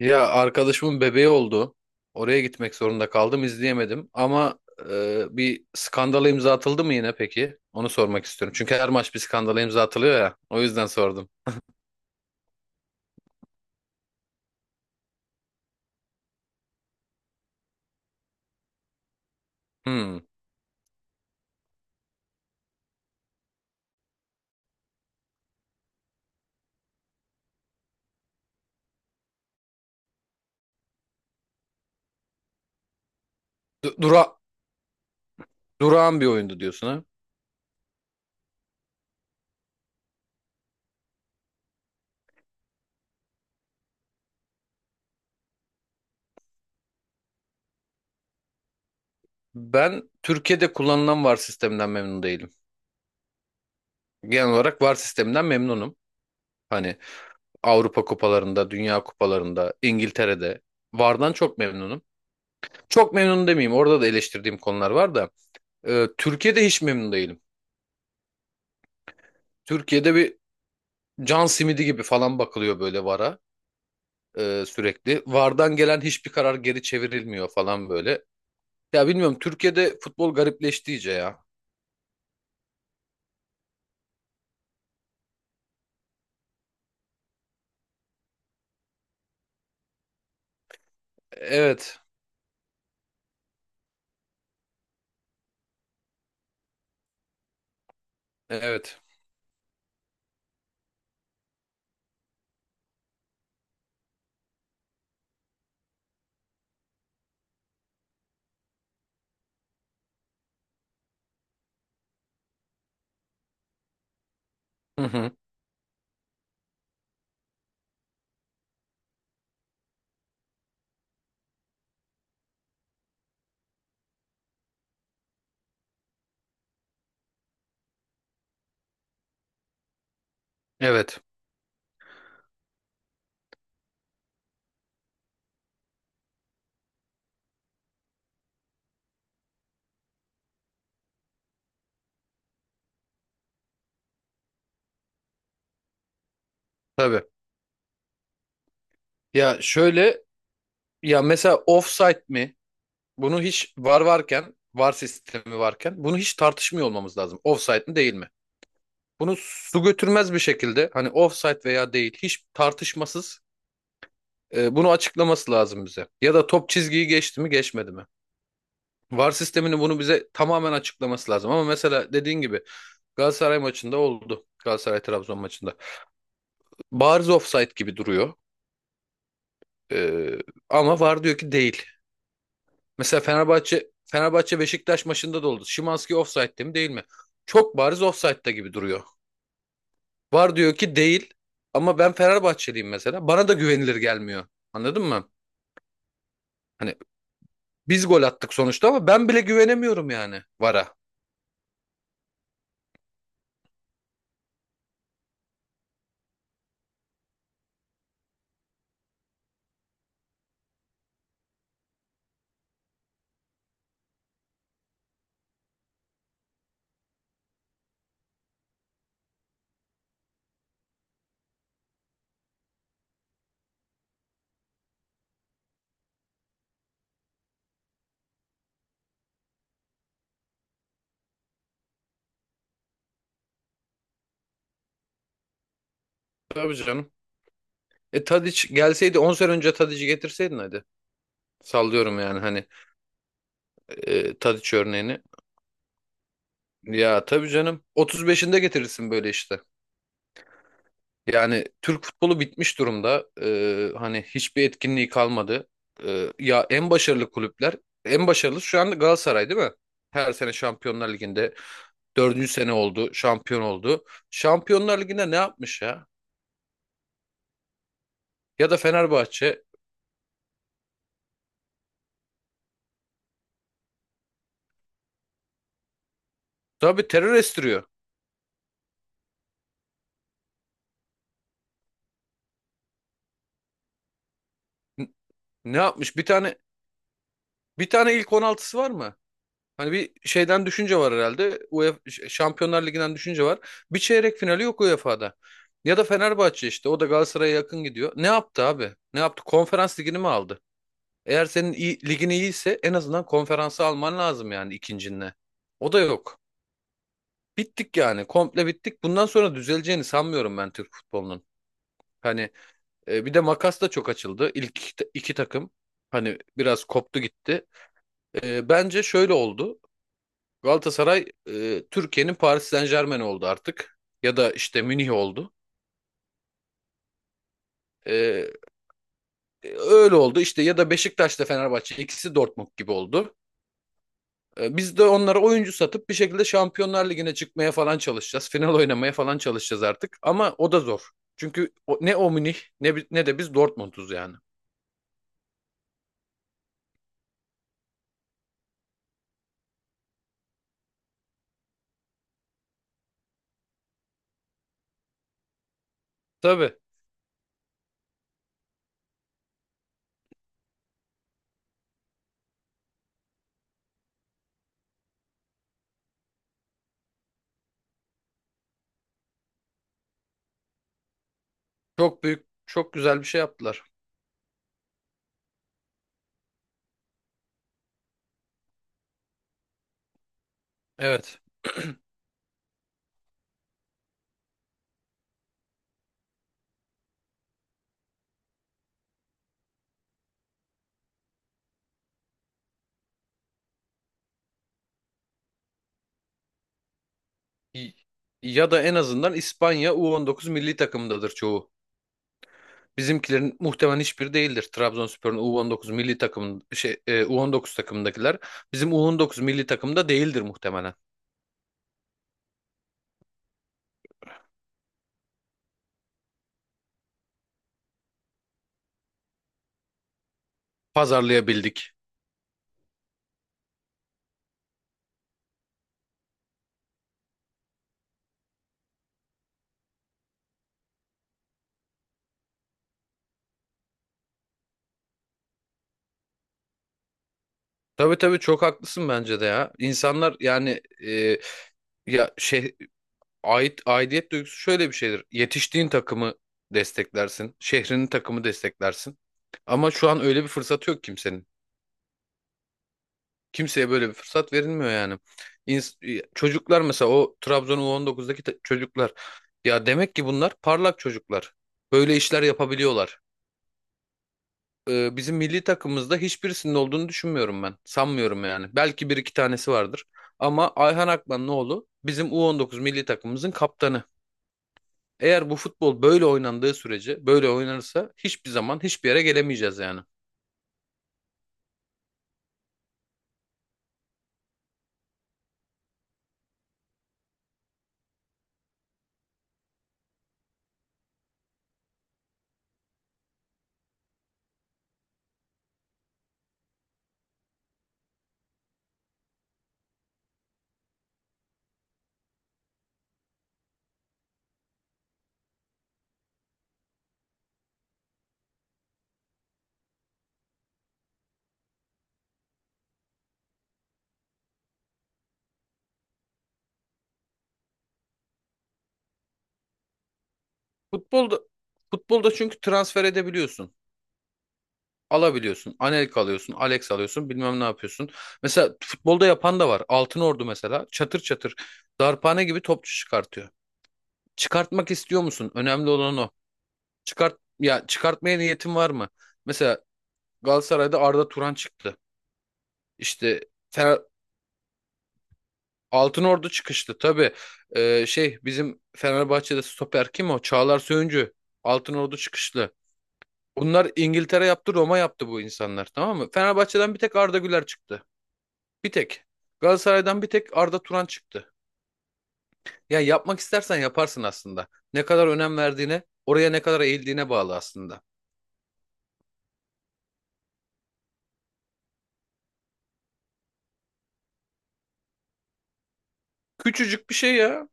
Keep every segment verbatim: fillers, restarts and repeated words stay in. Ya arkadaşımın bebeği oldu. Oraya gitmek zorunda kaldım, izleyemedim. Ama e, bir skandala imza atıldı mı yine peki? Onu sormak istiyorum. Çünkü her maç bir skandala imza atılıyor ya. O yüzden sordum. Hmm. Du- Dura durağan bir oyundu diyorsun ha? Ben Türkiye'de kullanılan v a r sisteminden memnun değilim. Genel olarak v a r sisteminden memnunum. Hani Avrupa kupalarında, Dünya kupalarında, İngiltere'de v a r'dan çok memnunum. Çok memnun demeyeyim. Orada da eleştirdiğim konular var da. e, Türkiye'de hiç memnun değilim. Türkiye'de bir can simidi gibi falan bakılıyor böyle v a r'a e, sürekli. v a r'dan gelen hiçbir karar geri çevrilmiyor falan böyle. Ya bilmiyorum Türkiye'de futbol garipleşti iyice ya. Evet, evet. Hı hı. Evet, tabii. Ya şöyle ya mesela offside mi? Bunu hiç v a r varken, v a r sistemi varken bunu hiç tartışmıyor olmamız lazım. Offside mi değil mi? Bunu su götürmez bir şekilde hani offside veya değil hiç tartışmasız E, bunu açıklaması lazım bize. Ya da top çizgiyi geçti mi geçmedi mi? v a r sisteminin bunu bize tamamen açıklaması lazım. Ama mesela dediğin gibi Galatasaray maçında oldu. Galatasaray-Trabzon maçında. Bariz offside gibi duruyor. E, ama v a r diyor ki değil. Mesela Fenerbahçe Fenerbahçe Beşiktaş maçında da oldu. Szymański offside'de mi değil mi? Çok bariz offside'da gibi duruyor. v a r diyor ki değil. Ama ben Fenerbahçeliyim mesela. Bana da güvenilir gelmiyor. Anladın mı? Hani biz gol attık sonuçta ama ben bile güvenemiyorum yani v a r'a. Tabii canım. E Tadic gelseydi on sene önce Tadic'i getirseydin hadi. Sallıyorum yani hani e, Tadic örneğini. Ya tabii canım. Otuz beşinde getirirsin böyle işte. Yani Türk futbolu bitmiş durumda. E, hani hiçbir etkinliği kalmadı. E, ya en başarılı kulüpler, en başarılı şu anda Galatasaray değil mi? Her sene Şampiyonlar Ligi'nde dördüncü sene oldu, şampiyon oldu. Şampiyonlar Ligi'nde ne yapmış ya? Ya da Fenerbahçe. Tabii terör estiriyor. N- Ne yapmış? Bir tane bir tane ilk on altısı var mı? Hani bir şeyden düşünce var herhalde. UEFA Ş- Şampiyonlar Ligi'nden düşünce var. Bir çeyrek finali yok UEFA'da. Ya da Fenerbahçe işte. O da Galatasaray'a yakın gidiyor. Ne yaptı abi? Ne yaptı? Konferans ligini mi aldı? Eğer senin iyi, ligin iyiyse en azından konferansı alman lazım yani ikincinle. O da yok. Bittik yani. Komple bittik. Bundan sonra düzeleceğini sanmıyorum ben Türk futbolunun. Hani e, bir de makas da çok açıldı. İlk iki, ta- iki takım. Hani biraz koptu gitti. E, bence şöyle oldu. Galatasaray e, Türkiye'nin Paris Saint-Germain oldu artık. Ya da işte Münih oldu. E, e, öyle oldu işte ya da Beşiktaş'ta Fenerbahçe ikisi Dortmund gibi oldu. E, biz de onlara oyuncu satıp bir şekilde Şampiyonlar Ligi'ne çıkmaya falan çalışacağız. Final oynamaya falan çalışacağız artık ama o da zor. Çünkü o- ne o Münih ne, bi- ne de biz Dortmund'uz yani. Tabii çok büyük çok güzel bir şey yaptılar. Evet. Y- Ya da en azından İspanya u on dokuz milli takımındadır çoğu. Bizimkilerin muhtemelen hiçbiri değildir. Trabzonspor'un u on dokuz milli takım şey e, u on dokuz takımındakiler bizim u on dokuz milli takımda değildir muhtemelen. Pazarlayabildik. Tabii tabii çok haklısın bence de ya. İnsanlar yani e, ya şey ait aidiyet duygusu şöyle bir şeydir. Yetiştiğin takımı desteklersin, şehrinin takımı desteklersin. Ama şu an öyle bir fırsatı yok kimsenin. Kimseye böyle bir fırsat verilmiyor yani. İns- e, çocuklar mesela o Trabzon u on dokuzdaki te- çocuklar ya demek ki bunlar parlak çocuklar. Böyle işler yapabiliyorlar. Ee, bizim milli takımımızda hiçbirisinin olduğunu düşünmüyorum ben. Sanmıyorum yani. Belki bir iki tanesi vardır. Ama Ayhan Akmanlıoğlu bizim u on dokuz milli takımımızın kaptanı. Eğer bu futbol böyle oynandığı sürece, böyle oynanırsa hiçbir zaman hiçbir yere gelemeyeceğiz yani. Futbolda futbolda çünkü transfer edebiliyorsun. Alabiliyorsun. Anelka alıyorsun, Alex alıyorsun, bilmem ne yapıyorsun. Mesela futbolda yapan da var. Altınordu mesela çatır çatır darphane gibi topçu çıkartıyor. Çıkartmak istiyor musun? Önemli olan o. Çıkart ya çıkartmaya niyetin var mı? Mesela Galatasaray'da Arda Turan çıktı. İşte Fener, Altınordu çıkıştı tabii. Ee, şey bizim Fenerbahçe'de stoper kim o? Çağlar Söyüncü. Altınordu çıkışlı. Bunlar İngiltere yaptı, Roma yaptı bu insanlar, tamam mı? Fenerbahçe'den bir tek Arda Güler çıktı. Bir tek. Galatasaray'dan bir tek Arda Turan çıktı. Ya yapmak istersen yaparsın aslında. Ne kadar önem verdiğine, oraya ne kadar eğildiğine bağlı aslında. Küçücük bir şey ya.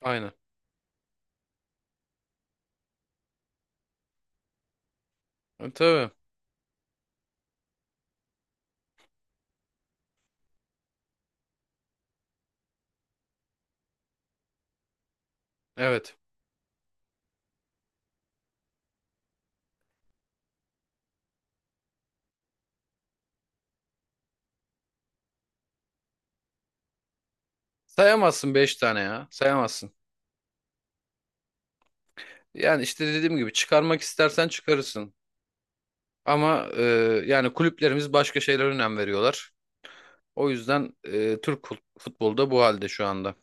Aynen. E, Tabii. Evet. Sayamazsın beş tane ya. Sayamazsın. Yani işte dediğim gibi çıkarmak istersen çıkarırsın. Ama e, yani kulüplerimiz başka şeylere önem veriyorlar. O yüzden e, Türk fut- futbolu da bu halde şu anda.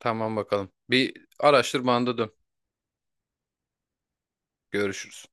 Tamam bakalım. Bir araştırmanda dön. Görüşürüz.